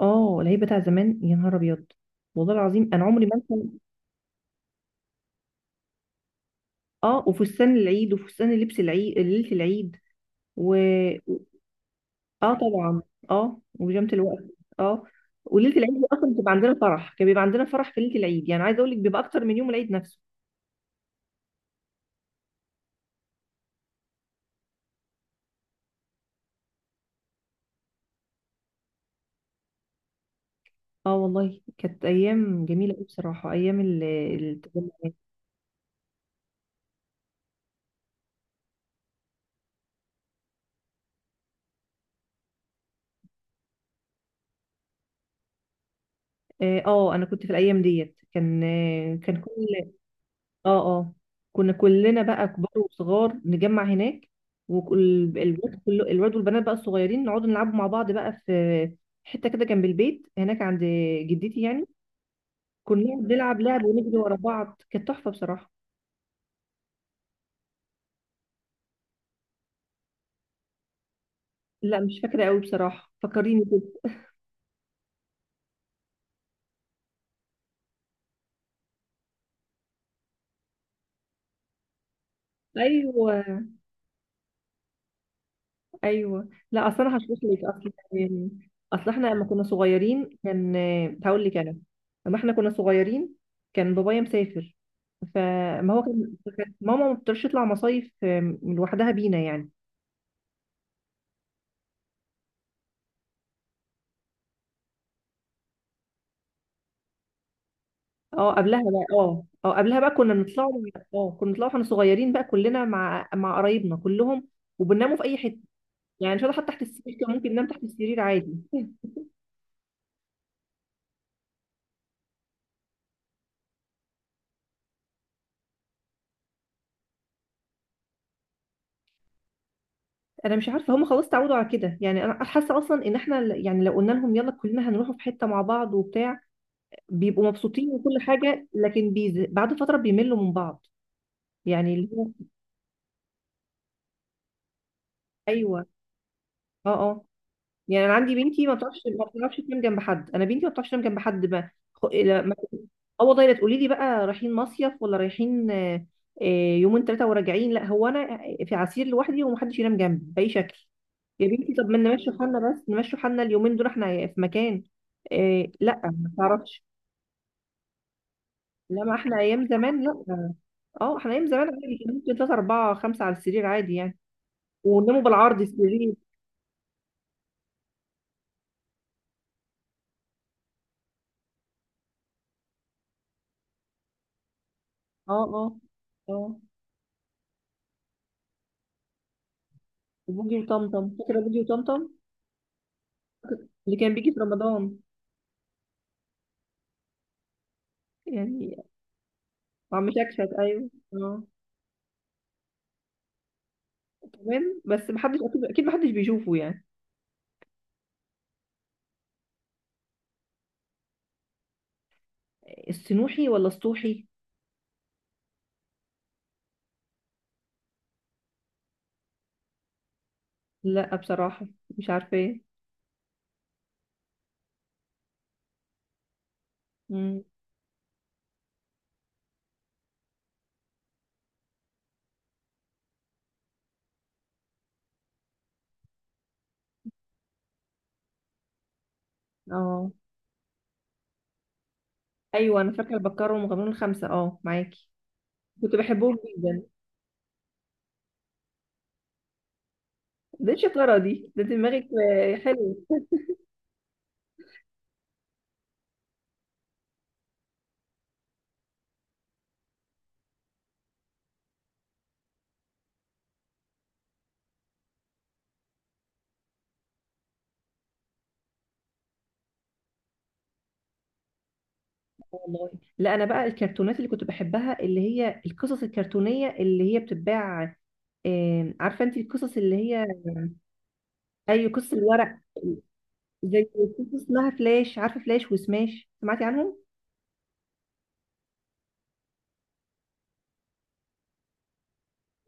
اه، العيد بتاع زمان يا نهار ابيض. والله العظيم، انا عمري ما انسى. اه، وفستان العيد وفستان لبس العيد ليله العيد. و اه طبعا. اه، وبيجامه الوقت. اه، وليله العيد دي اصلا بتبقى عندنا فرح، كان بيبقى عندنا فرح في ليله العيد، يعني عايزه اقول لك بيبقى اكتر من يوم العيد نفسه. اه والله، كانت ايام جميله قوي بصراحه، ايام التجمعات. انا كنت في الايام ديت كان كل. اه اه، كنا كلنا بقى كبار وصغار نجمع هناك. والواد كله، الواد والبنات بقى الصغيرين، نقعد نلعبوا مع بعض بقى في حته كده جنب البيت هناك عند جدتي يعني. كنا بنلعب لعب ونجري ورا بعض، كانت تحفه بصراحه. لا مش فاكره قوي بصراحه، فكريني كده. ايوه ايوه، لا اصل انا هشرح لك، اصل يعني، اصل احنا لما كنا صغيرين كان. هقول لك انا، لما احنا كنا صغيرين كان بابايا مسافر، فما هو كانت ماما ما بتقدرش تطلع مصايف لوحدها بينا يعني. اه قبلها بقى. اه اه، قبلها بقى كنا بنطلع. اه، كنا بنطلع واحنا صغيرين بقى كلنا مع قرايبنا كلهم، وبنناموا في اي حته. يعني مش هقول حتى تحت السرير، كان ممكن ننام تحت السرير عادي. انا مش عارفه، هم خلاص تعودوا على كده، يعني انا حاسه اصلا ان احنا يعني لو قلنا لهم يلا كلنا هنروحوا في حته مع بعض وبتاع، بيبقوا مبسوطين وكل حاجه، لكن بعد فتره بيملوا من بعض. يعني اللي هو. ايوه. اه آه. يعني انا عندي بنتي ما بتعرفش تنام جنب حد، انا بنتي ما بتعرفش تنام جنب حد ما خ- لا- ما- اه والله، لا تقولي لي بقى رايحين مصيف ولا رايحين آه، يومين ثلاثه وراجعين، لا هو انا في عسير لوحدي ومحدش ينام جنبي باي شكل. يا بنتي طب ما نمشي حالنا، بس نمشي حالنا اليومين دول احنا في مكان إيه. لا ما تعرفش. لا ما احنا ايام زمان لا. اه، احنا ايام زمان عادي كان ممكن ثلاثة أربعة خمسة على السرير عادي يعني، وناموا بالعرض السرير. اه اه اه، وبوجي وطمطم، فاكرة بوجي وطمطم اللي كان بيجي في رمضان؟ يعني عم شكشك، ايوه اه، كمان، بس محدش، اكيد اكيد محدش بيشوفه يعني. السنوحي ولا السطوحي؟ لا بصراحة، مش عارفة ايه. مم. اه ايوه، انا فاكره البكار ومغامرون الخمسه، اه معاكي، كنت بحبهم جدا. دي الشطاره دي، ده دماغك حلو. والله. لا انا بقى الكرتونات اللي كنت بحبها اللي هي القصص الكرتونيه اللي هي بتتباع، عارفه انت القصص اللي هي، اي قصص الورق، زي، في اسمها فلاش، عارفه فلاش وسماش، سمعتي عنهم؟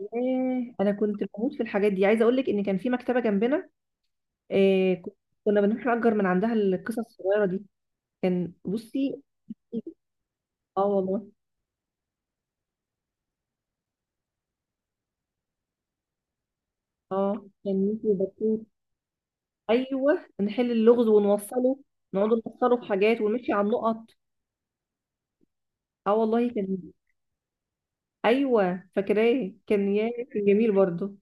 ياه، انا كنت بموت في الحاجات دي، عايزه اقول لك ان كان في مكتبه جنبنا. آه ك- كنا بنروح نأجر من عندها القصص الصغيره دي، كان بصي. اه والله. اه كان ميكي وبطوط. ايوه، نحل اللغز ونوصله، نقعد نوصله في حاجات ونمشي على النقط. اه والله كان. ايوه فاكراه، كان ياه كان جميل برضه.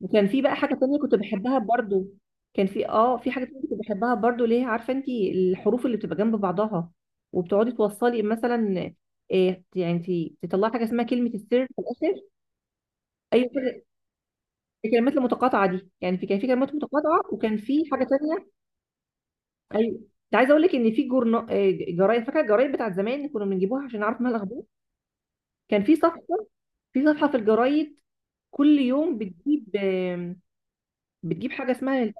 وكان في بقى حاجة تانية كنت بحبها برضو. كان في حاجة تانية كنت بحبها برضو، ليه عارفة انت الحروف اللي بتبقى جنب بعضها وبتقعدي توصلي مثلا إيه يعني، انت تطلعي حاجة اسمها كلمة السر في الآخر. أيوة كده. الكلمات المتقاطعة دي، يعني في كلمات متقاطعة وكان في حاجة تانية. أيوة. انت عايزة أقول لك إن في جورنا جرايد، فاكرة الجرايد بتاعت زمان كنا بنجيبوها عشان نعرف مال الأخبار. كان في صفحة، في الجرايد كل يوم بتجيب بتجيب حاجة اسمها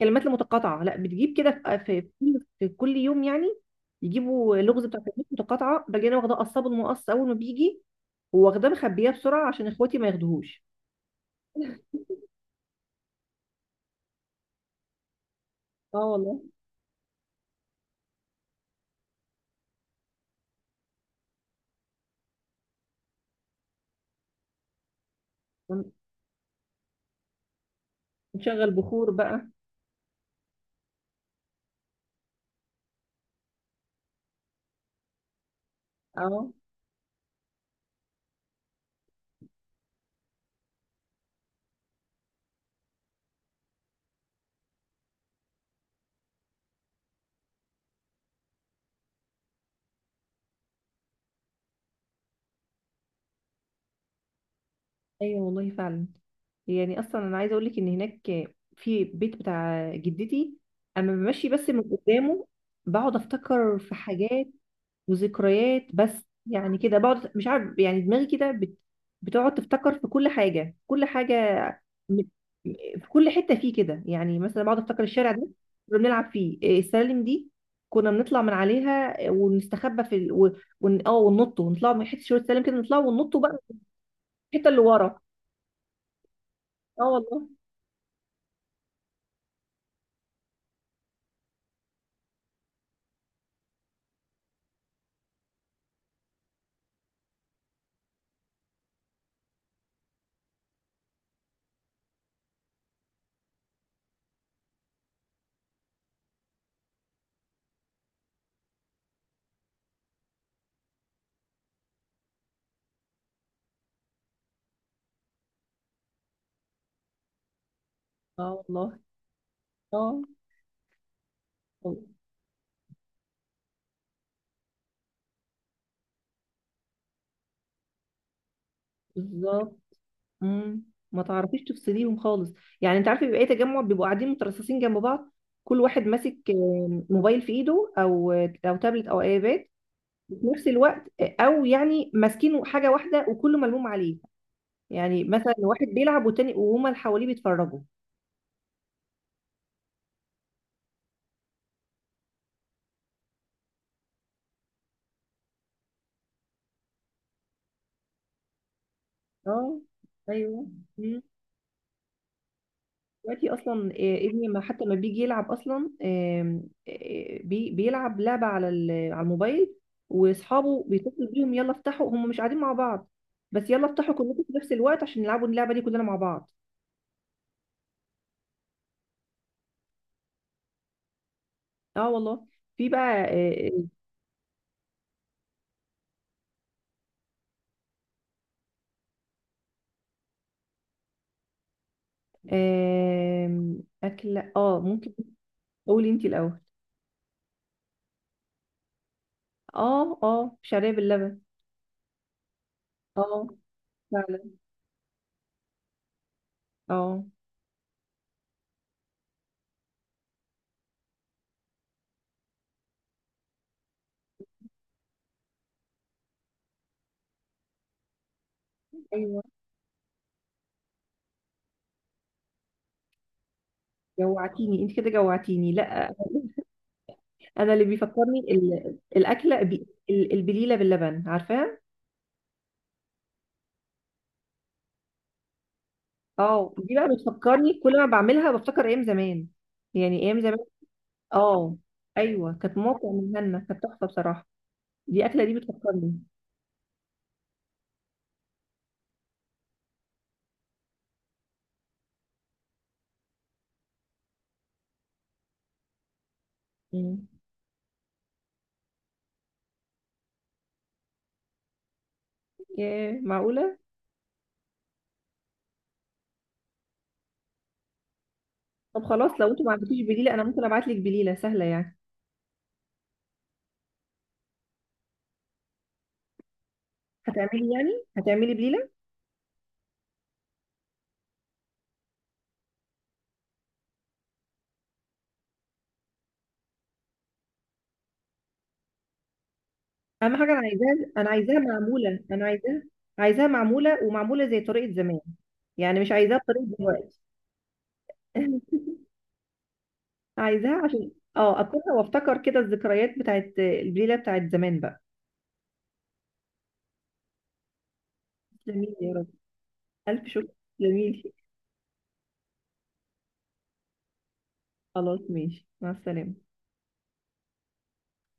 كلمات المتقاطعه، لا بتجيب كده في كل يوم يعني، يجيبوا لغز بتاع كلمات متقاطعه، باجي انا واخداه قصاب المقص اول ما بيجي، واخداه مخبياه بسرعه عشان اخواتي ما ياخدوهوش. اه والله. نشغل بخور بقى. اه ايوه والله فعلا. يعني اصلا انا عايزه اقول لك ان هناك، في بيت بتاع جدتي، اما بمشي بس من قدامه بقعد افتكر في حاجات وذكريات بس. يعني كده بقعد، مش عارف يعني، دماغي كده بتقعد تفتكر في كل حاجه، كل حاجه. م- في كل حته فيه كده، يعني مثلا بقعد افتكر الشارع ده كنا بنلعب فيه، السلالم دي كنا بنطلع من عليها، ونستخبى في ال... و... ون... اه وننط ونطلع من حته شويه سلالم كده، نطلع وننط بقى الحته اللي ورا. اه والله. اه والله. اه والله. بالظبط. امم ما تعرفيش تفصليهم خالص، يعني انت عارفه بيبقى ايه؟ تجمع بيبقوا قاعدين مترصصين جنب بعض، كل واحد ماسك موبايل في ايده او تابلت او ايباد في نفس الوقت، او يعني ماسكين حاجه واحده وكله ملموم عليه، يعني مثلا واحد بيلعب والتاني، وهما اللي حواليه بيتفرجوا. اه ايوه. مم. دلوقتي اصلا ابني ما حتى ما بيجي يلعب اصلا، بيلعب لعبه على الموبايل، واصحابه بيتصلوا بيهم يلا افتحوا، هم مش قاعدين مع بعض، بس يلا افتحوا كلكم في نفس الوقت عشان نلعبوا اللعبه دي كلنا مع بعض. اه والله. في بقى آه، آم، اكله اه ممكن. قولي انت الاول. اه اه، شعريه باللبن، اه فعلا. اه ايوه، جوعتيني انت كده، جوعتيني لا. انا اللي بيفكرني الاكله البليله باللبن، عارفاها. اه دي بقى بتفكرني، كل ما بعملها بفتكر ايام زمان، يعني ايام زمان. اه ايوه، كانت ماما بتعملها لنا، كانت تحفه بصراحه، دي اكله دي بتفكرني. مم. ياه معقوله. طب خلاص، لو انتوا ما عندكيش بليله انا ممكن ابعت لك بليله سهله يعني. هتعملي يعني، هتعملي بليله؟ اهم حاجه انا عايزاها، انا عايزاها معموله، انا عايزاها، عايزاها معموله، ومعموله زي طريقه زمان، يعني مش عايزاها بطريقه دلوقتي. عايزاها عشان اه اكون وافتكر كده الذكريات بتاعت الليله بتاعت زمان بقى. جميل يا رب. الف شكر. جميل. خلاص ماشي، مع السلامه.